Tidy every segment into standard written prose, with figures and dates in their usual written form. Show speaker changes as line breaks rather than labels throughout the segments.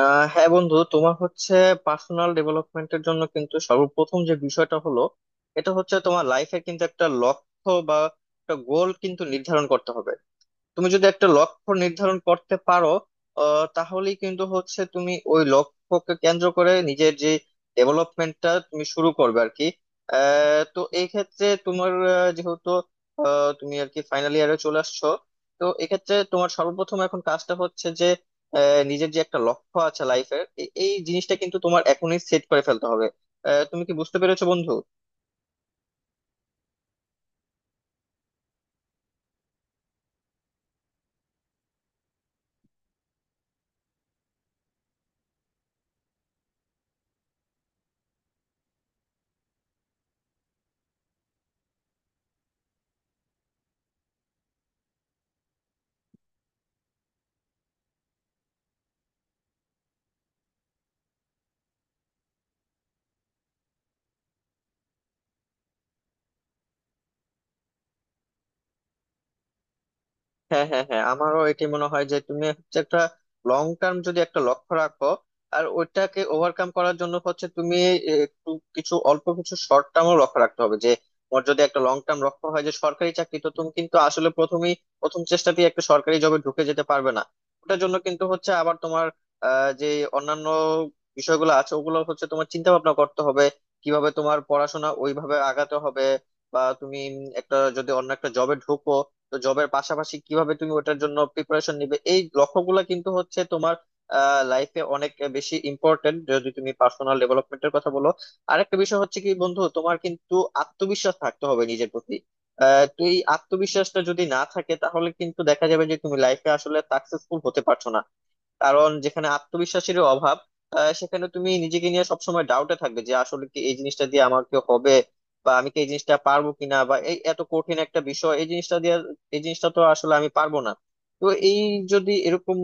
হ্যাঁ বন্ধু, তোমার হচ্ছে পার্সোনাল ডেভেলপমেন্টের জন্য কিন্তু সর্বপ্রথম যে বিষয়টা হলো, এটা হচ্ছে তোমার লাইফের কিন্তু একটা লক্ষ্য বা একটা গোল কিন্তু নির্ধারণ করতে হবে। তুমি যদি একটা লক্ষ্য নির্ধারণ করতে পারো, তাহলেই কিন্তু হচ্ছে তুমি ওই লক্ষ্যকে কেন্দ্র করে নিজের যে ডেভেলপমেন্টটা তুমি শুরু করবে আর কি। তো এই ক্ষেত্রে তোমার যেহেতু তুমি আর কি ফাইনাল ইয়ারে চলে আসছো, তো এক্ষেত্রে তোমার সর্বপ্রথম এখন কাজটা হচ্ছে যে, আহ, নিজের যে একটা লক্ষ্য আছে লাইফের, এই জিনিসটা কিন্তু তোমার এখনই সেট করে ফেলতে হবে। তুমি কি বুঝতে পেরেছো বন্ধু? হ্যাঁ, হ্যাঁ, হ্যাঁ, আমারও এটি মনে হয় যে তুমি হচ্ছে একটা লং টার্ম যদি একটা লক্ষ্য রাখো, আর ওইটাকে ওভারকাম করার জন্য হচ্ছে তুমি একটু কিছু অল্প কিছু শর্ট টার্মও লক্ষ্য রাখতে হবে। যে তোমার যদি একটা লং টার্ম লক্ষ্য হয় যে সরকারি চাকরি, তো তুমি কিন্তু আসলে প্রথমেই প্রথম চেষ্টাতেই একটা সরকারি জবে ঢুকে যেতে পারবে না। ওটার জন্য কিন্তু হচ্ছে আবার তোমার আহ যে অন্যান্য বিষয়গুলো আছে, ওগুলো হচ্ছে তোমার চিন্তা ভাবনা করতে হবে কিভাবে তোমার পড়াশোনা ওইভাবে আগাতে হবে, বা তুমি একটা যদি অন্য একটা জবে ঢুকো, তো জবের পাশাপাশি কিভাবে তুমি ওটার জন্য প্রিপারেশন নিবে। এই লক্ষ্যগুলো কিন্তু হচ্ছে তোমার লাইফে অনেক বেশি ইম্পর্টেন্ট, যদি তুমি পার্সোনাল ডেভেলপমেন্টের কথা বলো। আরেকটা বিষয় হচ্ছে কি বন্ধু, তোমার কিন্তু আত্মবিশ্বাস থাকতে হবে নিজের প্রতি। তো এই আত্মবিশ্বাসটা যদি না থাকে, তাহলে কিন্তু দেখা যাবে যে তুমি লাইফে আসলে সাকসেসফুল হতে পারছো না। কারণ যেখানে আত্মবিশ্বাসের অভাব, সেখানে তুমি নিজেকে নিয়ে সবসময় ডাউটে থাকবে যে আসলে কি এই জিনিসটা দিয়ে আমাকে হবে, বা আমি কি এই জিনিসটা পারবো কিনা, বা এই এত কঠিন একটা বিষয় এই জিনিসটা দিয়ে এই জিনিসটা তো আসলে আমি পারবো না। তো এই যদি এরকম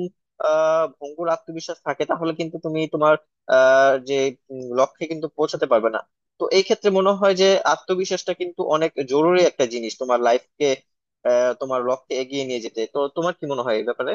ভঙ্গুর আত্মবিশ্বাস থাকে, তাহলে কিন্তু তুমি তোমার আহ যে লক্ষ্যে কিন্তু পৌঁছাতে পারবে না। তো এই ক্ষেত্রে মনে হয় যে আত্মবিশ্বাসটা কিন্তু অনেক জরুরি একটা জিনিস তোমার লাইফকে তোমার লক্ষ্যে এগিয়ে নিয়ে যেতে। তো তোমার কি মনে হয় এই ব্যাপারে?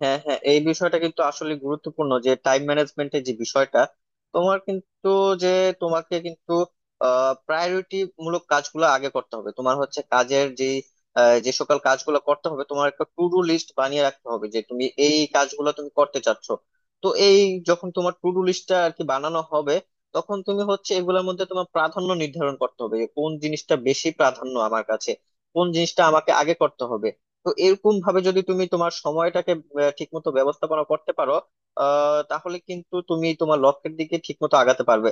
হ্যাঁ, হ্যাঁ, এই বিষয়টা কিন্তু আসলে গুরুত্বপূর্ণ যে টাইম ম্যানেজমেন্টের যে বিষয়টা, তোমার কিন্তু যে তোমাকে কিন্তু প্রায়োরিটি মূলক কাজগুলো আগে করতে হবে। তোমার হচ্ছে কাজের যে যে সকল কাজগুলো করতে হবে, তোমার একটা টু ডু লিস্ট বানিয়ে রাখতে হবে যে তুমি এই কাজগুলো তুমি করতে চাচ্ছ। তো এই যখন তোমার টু ডু লিস্টটা আর কি বানানো হবে, তখন তুমি হচ্ছে এগুলোর মধ্যে তোমার প্রাধান্য নির্ধারণ করতে হবে যে কোন জিনিসটা বেশি প্রাধান্য আমার কাছে, কোন জিনিসটা আমাকে আগে করতে হবে। তো এরকম ভাবে যদি তুমি তোমার সময়টাকে ঠিকমতো ব্যবস্থাপনা করতে পারো, তাহলে কিন্তু তুমি তোমার লক্ষ্যের দিকে ঠিকমতো আগাতে পারবে।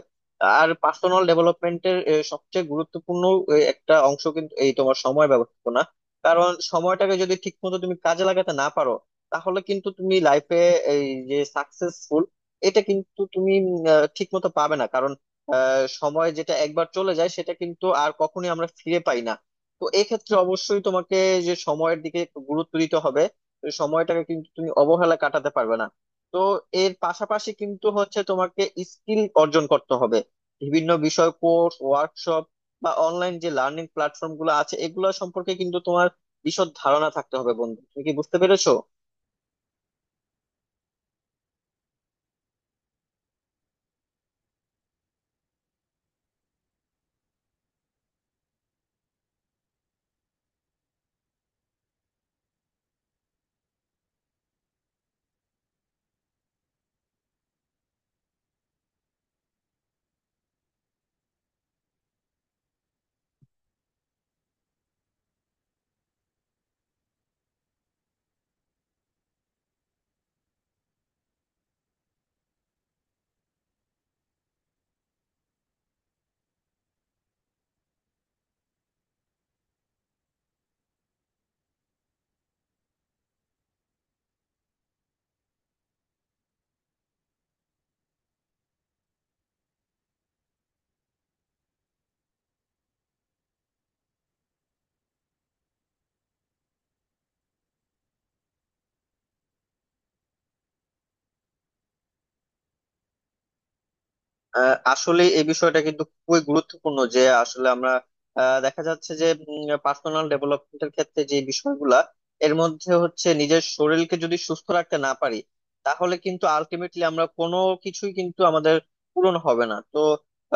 আর পার্সোনাল ডেভেলপমেন্টের সবচেয়ে গুরুত্বপূর্ণ একটা অংশ কিন্তু এই তোমার সময় ব্যবস্থাপনা। কারণ সময়টাকে যদি ঠিকমতো তুমি কাজে লাগাতে না পারো, তাহলে কিন্তু তুমি লাইফে এই যে সাকসেসফুল, এটা কিন্তু তুমি ঠিকমতো পাবে না। সময় যেটা একবার চলে যায়, সেটা কিন্তু আর কখনোই আমরা ফিরে পাই না। তো এক্ষেত্রে অবশ্যই তোমাকে যে সময়ের দিকে একটু গুরুত্ব দিতে হবে। তো সময়টাকে কিন্তু তুমি অবহেলা কাটাতে পারবে না। তো এর পাশাপাশি কিন্তু হচ্ছে তোমাকে স্কিল অর্জন করতে হবে। বিভিন্ন বিষয় কোর্স, ওয়ার্কশপ, বা অনলাইন যে লার্নিং প্ল্যাটফর্ম গুলো আছে, এগুলো সম্পর্কে কিন্তু তোমার বিশদ ধারণা থাকতে হবে বন্ধু। তুমি কি বুঝতে পেরেছো? আসলে এই বিষয়টা কিন্তু খুবই গুরুত্বপূর্ণ যে আসলে আমরা দেখা যাচ্ছে যে পার্সোনাল ডেভেলপমেন্টের ক্ষেত্রে যে বিষয়গুলা, এর মধ্যে হচ্ছে নিজের শরীরকে যদি সুস্থ রাখতে না পারি, তাহলে কিন্তু আলটিমেটলি আমরা কোনো কিছুই কিন্তু আমাদের পূরণ হবে না। তো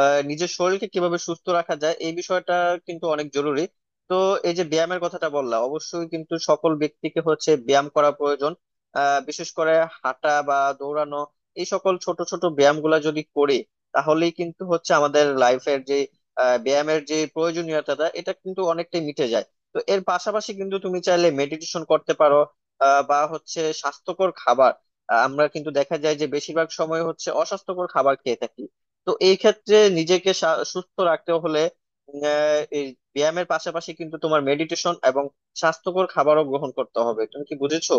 নিজের শরীরকে কিভাবে সুস্থ রাখা যায়, এই বিষয়টা কিন্তু অনেক জরুরি। তো এই যে ব্যায়ামের কথাটা বললাম, অবশ্যই কিন্তু সকল ব্যক্তিকে হচ্ছে ব্যায়াম করা প্রয়োজন। বিশেষ করে হাঁটা বা দৌড়ানো, এই সকল ছোট ছোট ব্যায়াম গুলা যদি করি, তাহলেই কিন্তু হচ্ছে আমাদের লাইফের যে ব্যায়ামের যে প্রয়োজনীয়তাটা, এটা কিন্তু অনেকটাই মিটে যায়। তো এর পাশাপাশি কিন্তু তুমি চাইলে মেডিটেশন করতে পারো, বা হচ্ছে স্বাস্থ্যকর খাবার। আমরা কিন্তু দেখা যায় যে বেশিরভাগ সময় হচ্ছে অস্বাস্থ্যকর খাবার খেয়ে থাকি। তো এই ক্ষেত্রে নিজেকে সুস্থ রাখতে হলে এই ব্যায়ামের পাশাপাশি কিন্তু তোমার মেডিটেশন এবং স্বাস্থ্যকর খাবারও গ্রহণ করতে হবে। তুমি কি বুঝেছো?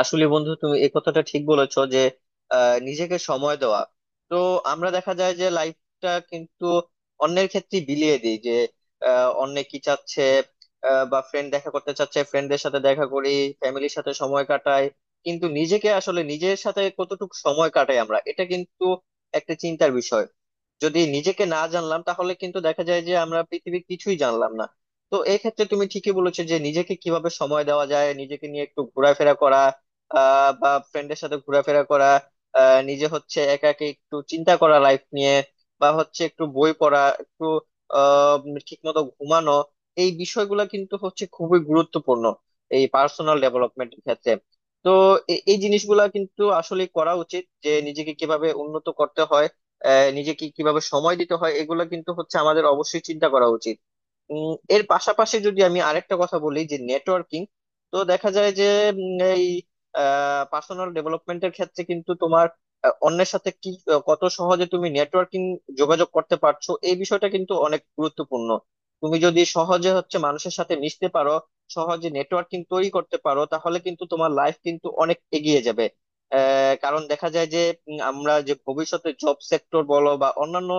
আসলে বন্ধু তুমি এই কথাটা ঠিক বলেছো যে নিজেকে সময় দেওয়া। তো আমরা দেখা যায় যে লাইফটা কিন্তু অন্যের ক্ষেত্রে বিলিয়ে দিই, যে অন্যে কি চাচ্ছে, বা ফ্রেন্ড দেখা করতে চাচ্ছে ফ্রেন্ডদের সাথে দেখা করি, ফ্যামিলির সাথে সময় কাটাই, কিন্তু নিজেকে আসলে নিজের সাথে কতটুকু সময় কাটাই আমরা, এটা কিন্তু একটা চিন্তার বিষয়। যদি নিজেকে না জানলাম, তাহলে কিন্তু দেখা যায় যে আমরা পৃথিবীর কিছুই জানলাম না। তো এই ক্ষেত্রে তুমি ঠিকই বলেছো যে নিজেকে কিভাবে সময় দেওয়া যায়, নিজেকে নিয়ে একটু ঘোরাফেরা করা, বা ফ্রেন্ডের সাথে ঘোরাফেরা করা, নিজে হচ্ছে একা একা একটু চিন্তা করা লাইফ নিয়ে, বা হচ্ছে একটু বই পড়া, একটু আহ ঠিক মতো ঘুমানো। এই বিষয়গুলো কিন্তু হচ্ছে খুবই গুরুত্বপূর্ণ এই পার্সোনাল ডেভেলপমেন্টের ক্ষেত্রে। তো এই জিনিসগুলা কিন্তু আসলে করা উচিত যে নিজেকে কিভাবে উন্নত করতে হয়, নিজেকে কিভাবে সময় দিতে হয়, এগুলো কিন্তু হচ্ছে আমাদের অবশ্যই চিন্তা করা উচিত। এর পাশাপাশি যদি আমি আরেকটা কথা বলি, যে নেটওয়ার্কিং। তো দেখা যায় যে এই পার্সোনাল ডেভেলপমেন্টের ক্ষেত্রে কিন্তু তোমার অন্যের সাথে কি কত সহজে তুমি নেটওয়ার্কিং যোগাযোগ করতে পারছো, এই বিষয়টা কিন্তু অনেক গুরুত্বপূর্ণ। তুমি যদি সহজে হচ্ছে মানুষের সাথে মিশতে পারো, সহজে নেটওয়ার্কিং তৈরি করতে পারো, তাহলে কিন্তু তোমার লাইফ কিন্তু অনেক এগিয়ে যাবে। কারণ দেখা যায় যে আমরা যে ভবিষ্যতে জব সেক্টর বলো বা অন্যান্য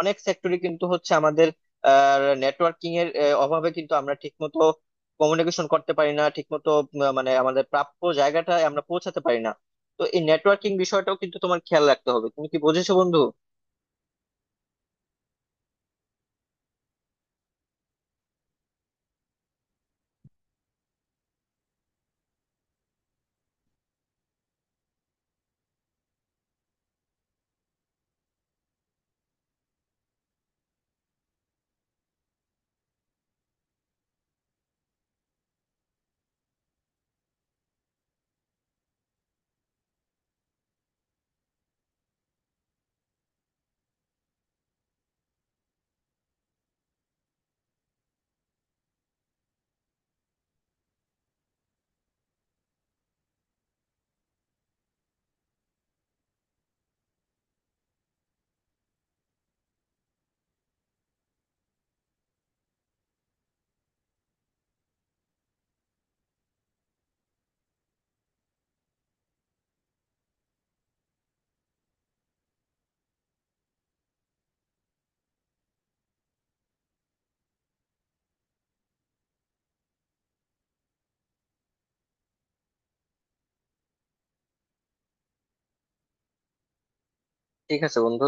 অনেক সেক্টরে কিন্তু হচ্ছে আমাদের নেটওয়ার্কিং এর অভাবে কিন্তু আমরা ঠিকমতো কমিউনিকেশন করতে পারি না, ঠিকমতো মানে আমাদের প্রাপ্য জায়গাটা আমরা পৌঁছাতে পারি না। তো এই নেটওয়ার্কিং বিষয়টাও কিন্তু তোমার খেয়াল রাখতে হবে। তুমি কি বুঝেছো বন্ধু? ঠিক আছে বন্ধু।